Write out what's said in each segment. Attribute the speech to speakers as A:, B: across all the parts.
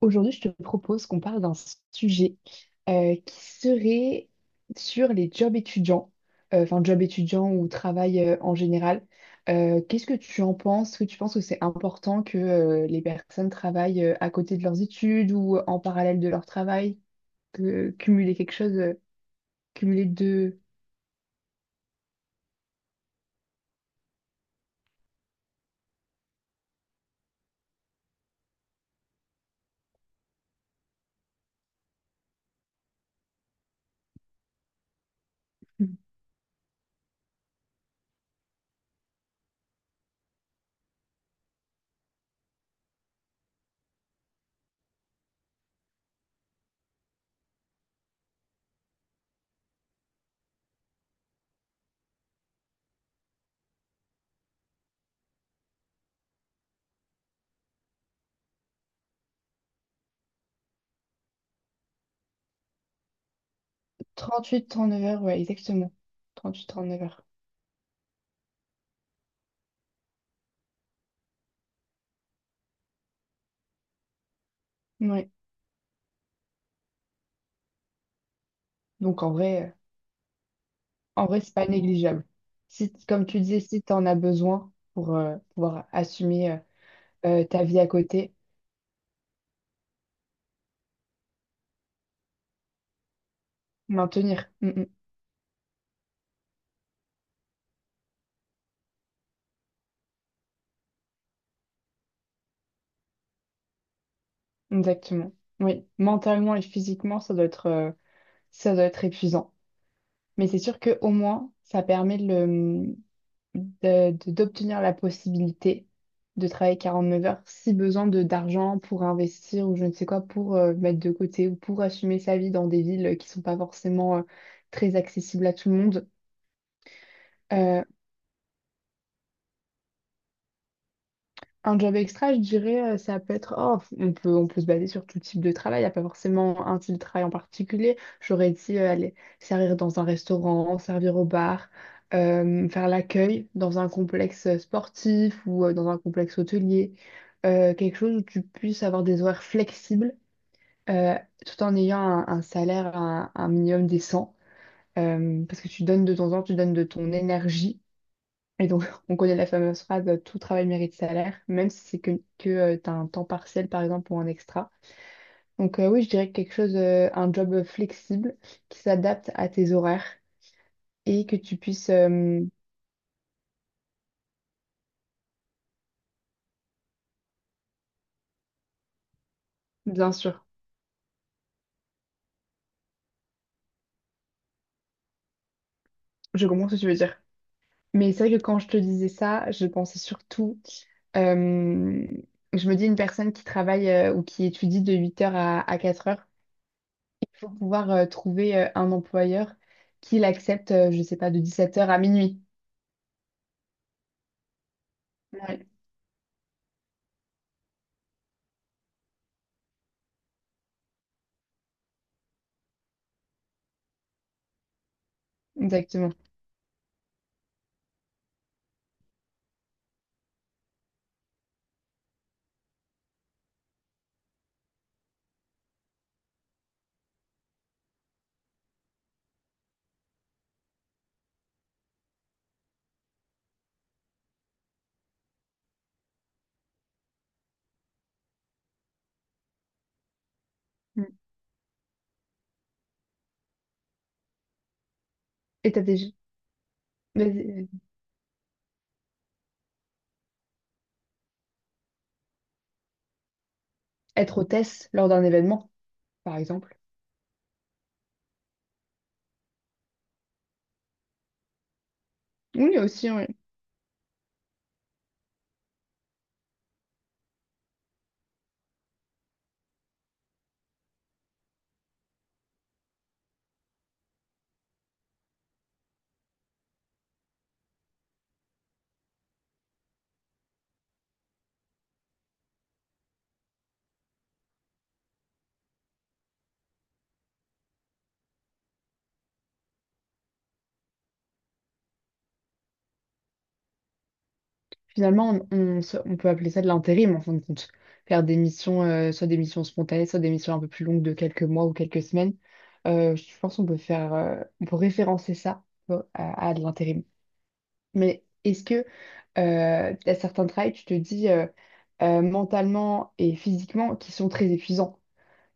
A: Aujourd'hui, je te propose qu'on parle d'un sujet qui serait sur les jobs étudiants, enfin jobs étudiants ou travail en général. Qu'est-ce que tu en penses? Est-ce que tu penses que c'est important que les personnes travaillent à côté de leurs études ou en parallèle de leur travail, que cumuler quelque chose, cumuler de trente-huit trente-neuf heures, ouais, exactement. Trente-huit, trente-neuf heures. Ouais. Donc en vrai. euh, En vrai, c'est pas négligeable. Si, comme tu disais, si tu en as besoin pour pouvoir assumer ta vie à côté, maintenir. Exactement. Oui, mentalement et physiquement, ça doit être épuisant. Mais c'est sûr que au moins, ça permet de le- de- d'obtenir la possibilité de travailler 49 heures si besoin de d'argent pour investir ou je ne sais quoi, pour mettre de côté ou pour assumer sa vie dans des villes qui sont pas forcément très accessibles à tout le monde. Euh, Un job extra, je dirais, ça peut être, oh, on peut se baser sur tout type de travail, il n'y a pas forcément un type de travail en particulier. J'aurais dit aller servir dans un restaurant, servir au bar, faire l'accueil dans un complexe sportif ou dans un complexe hôtelier. Quelque chose où tu puisses avoir des horaires flexibles, euh, tout en ayant un salaire, un minimum décent. Parce que tu donnes de ton temps, tu donnes de ton énergie. Et donc, on connaît la fameuse phrase tout travail mérite salaire, même si c'est que tu as un temps partiel, par exemple, ou un extra. Donc, oui, je dirais que quelque chose, un job flexible qui s'adapte à tes horaires et que tu puisses, bien sûr, je comprends ce que tu veux dire. Mais c'est vrai que quand je te disais ça, je pensais surtout, euh, je me dis une personne qui travaille ou qui étudie de 8 heures à 4 heures, il faut pouvoir trouver un employeur qui l'accepte, je sais pas, de 17 heures à minuit. Ouais, exactement. Mm. Et t'as déjà... vas-y. Être hôtesse lors d'un événement, par exemple. Oui, aussi, oui. Finalement, on, on peut appeler ça de l'intérim, en fin de compte. Faire des missions, soit des missions spontanées, soit des missions un peu plus longues de quelques mois ou quelques semaines. Je pense qu'on peut faire, on peut référencer ça tu vois, à de l'intérim. Mais est-ce que t'as certains travails, tu te dis mentalement et physiquement, qui sont très épuisants?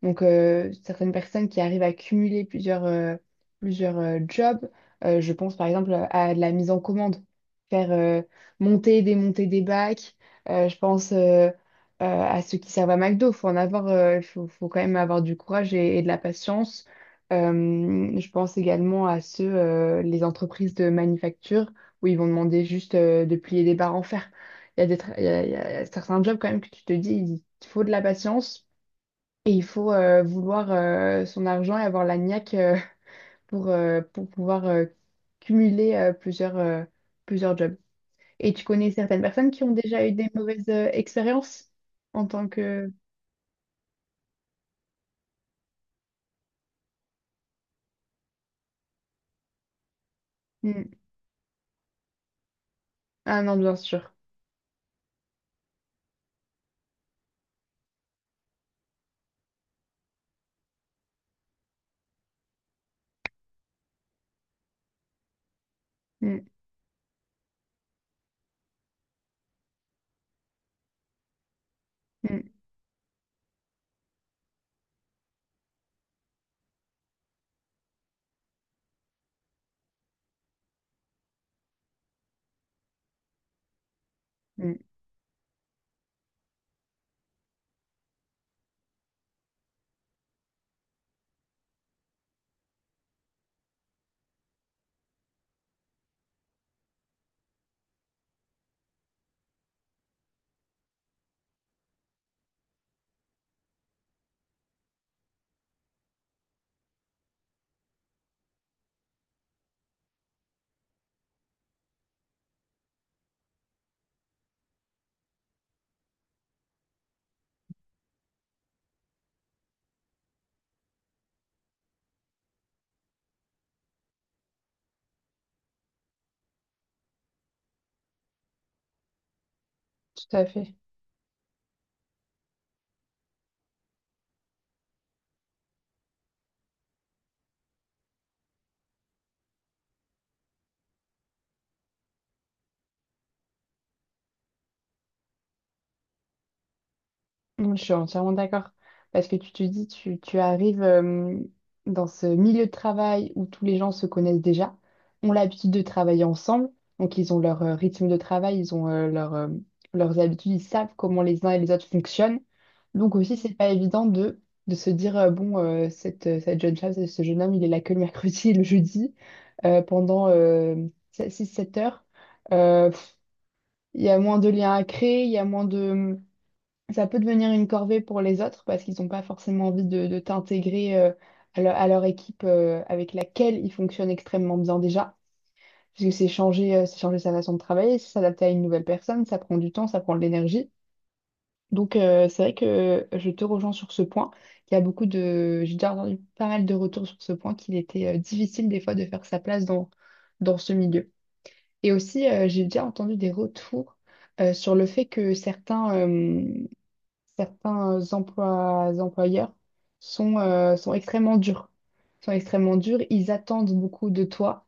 A: Donc, certaines personnes qui arrivent à cumuler plusieurs, plusieurs jobs. Je pense par exemple à de la mise en commande, faire monter et démonter des bacs. Je pense à ceux qui servent à McDo. Faut en avoir, faut quand même avoir du courage et de la patience. Je pense également à ceux, les entreprises de manufacture où ils vont demander juste de plier des barres en fer. Il y a des tra- il y a- Il y a certains jobs quand même que tu te dis, il faut de la patience. Et il faut vouloir son argent et avoir la niaque pour pouvoir cumuler plusieurs, plusieurs jobs. Et tu connais certaines personnes qui ont déjà eu des mauvaises expériences en tant que... Mm. Ah non, bien sûr. Mm, mm. Tout à fait. Mm, je suis entièrement d'accord. Parce que tu te dis, tu arrives dans ce milieu de travail où tous les gens se connaissent déjà, ont l'habitude de travailler ensemble, donc ils ont leur rythme de travail, ils ont leurs habitudes, ils savent comment les uns et les autres fonctionnent. Donc aussi, c'est pas évident de se dire, bon, cette jeune femme, ce jeune homme, il est là que le mercredi et le jeudi pendant six sept heures. Euh, pff, Il y a moins de liens à créer, il y a moins de ça peut devenir une corvée pour les autres parce qu'ils n'ont pas forcément envie de t'intégrer à leur équipe avec laquelle ils fonctionnent extrêmement bien déjà. Parce que c'est changer sa façon de travailler, c'est s'adapter à une nouvelle personne, ça prend du temps, ça prend de l'énergie. Donc c'est vrai que je te rejoins sur ce point. Il y a beaucoup de... J'ai déjà entendu pas mal de retours sur ce point qu'il était difficile des fois de faire sa place dans, dans ce milieu. Et aussi, j'ai déjà entendu des retours sur le fait que certains emplois, employeurs sont, sont extrêmement durs. Sont extrêmement durs. Ils attendent beaucoup de toi,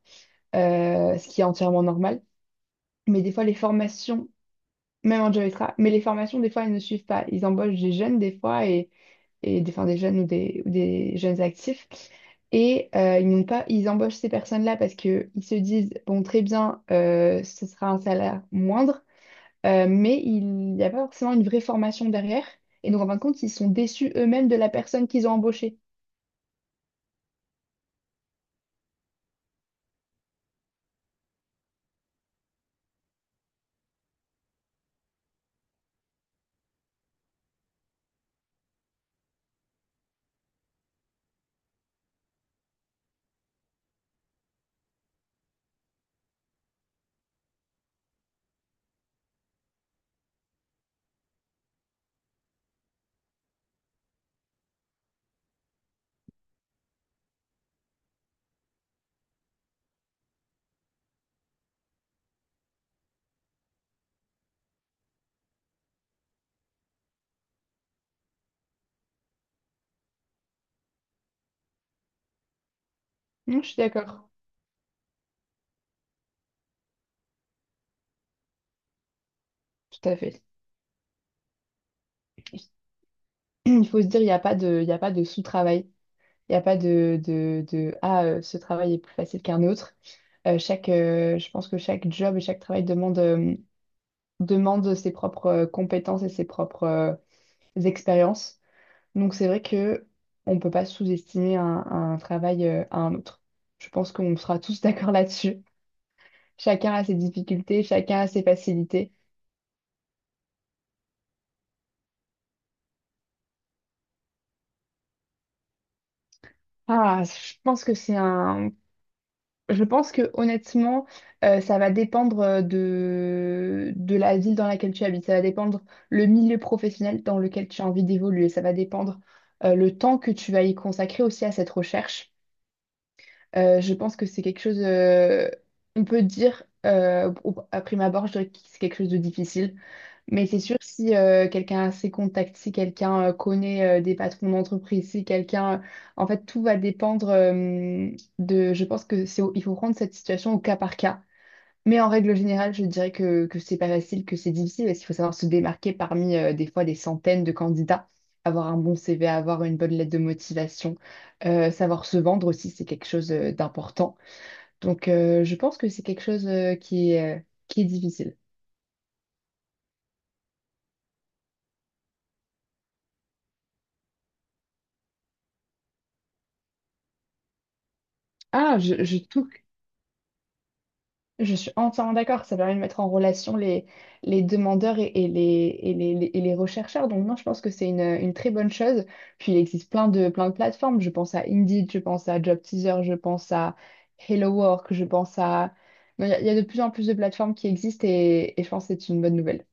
A: ce qui est entièrement normal. Mais des fois, les formations, même en job extra, mais les formations, des fois, elles ne suivent pas. Ils embauchent des jeunes, des fois, et des, enfin, des jeunes ou des jeunes actifs. Et ils n'ont pas, ils embauchent ces personnes-là parce qu'ils se disent, bon, très bien, ce sera un salaire moindre. Mais il n'y a pas forcément une vraie formation derrière. Et donc, en fin de compte, ils sont déçus eux-mêmes de la personne qu'ils ont embauchée. Non, je suis d'accord. Tout à fait. Il faut se dire, il n'y a pas de, il y a pas de sous-travail. Il n'y a pas de, de, ce travail est plus facile qu'un autre. Je pense que chaque job et chaque travail demande, demande ses propres compétences et ses propres expériences. Donc, c'est vrai que on ne peut pas sous-estimer un travail à un autre. Je pense qu'on sera tous d'accord là-dessus. Chacun a ses difficultés, chacun a ses facilités. Ah, je pense que c'est un. Je pense que honnêtement, ça va dépendre de la ville dans laquelle tu habites. Ça va dépendre le milieu professionnel dans lequel tu as envie d'évoluer. Ça va dépendre le temps que tu vas y consacrer aussi à cette recherche. Je pense que c'est quelque chose. On peut dire, à prime abord, je dirais que c'est quelque chose de difficile. Mais c'est sûr, si quelqu'un a ses contacts, si quelqu'un connaît des patrons d'entreprise, si quelqu'un... en fait, tout va dépendre de... Je pense que il faut prendre cette situation au cas par cas. Mais en règle générale, je dirais que c'est pas facile, que c'est difficile, parce qu'il faut savoir se démarquer parmi des fois des centaines de candidats, avoir un bon CV, avoir une bonne lettre de motivation, savoir se vendre aussi, c'est quelque chose d'important. Donc, je pense que c'est quelque chose qui est difficile. Ah, je touche je suis entièrement d'accord, ça permet de mettre en relation les demandeurs et les, et les, et les rechercheurs. Donc non, je pense que c'est une très bonne chose. Puis il existe plein de plateformes. Je pense à Indeed, je pense à Job Teaser, je pense à Hello Work, je pense à... Non, il y a il y a de plus en plus de plateformes qui existent et je pense que c'est une bonne nouvelle.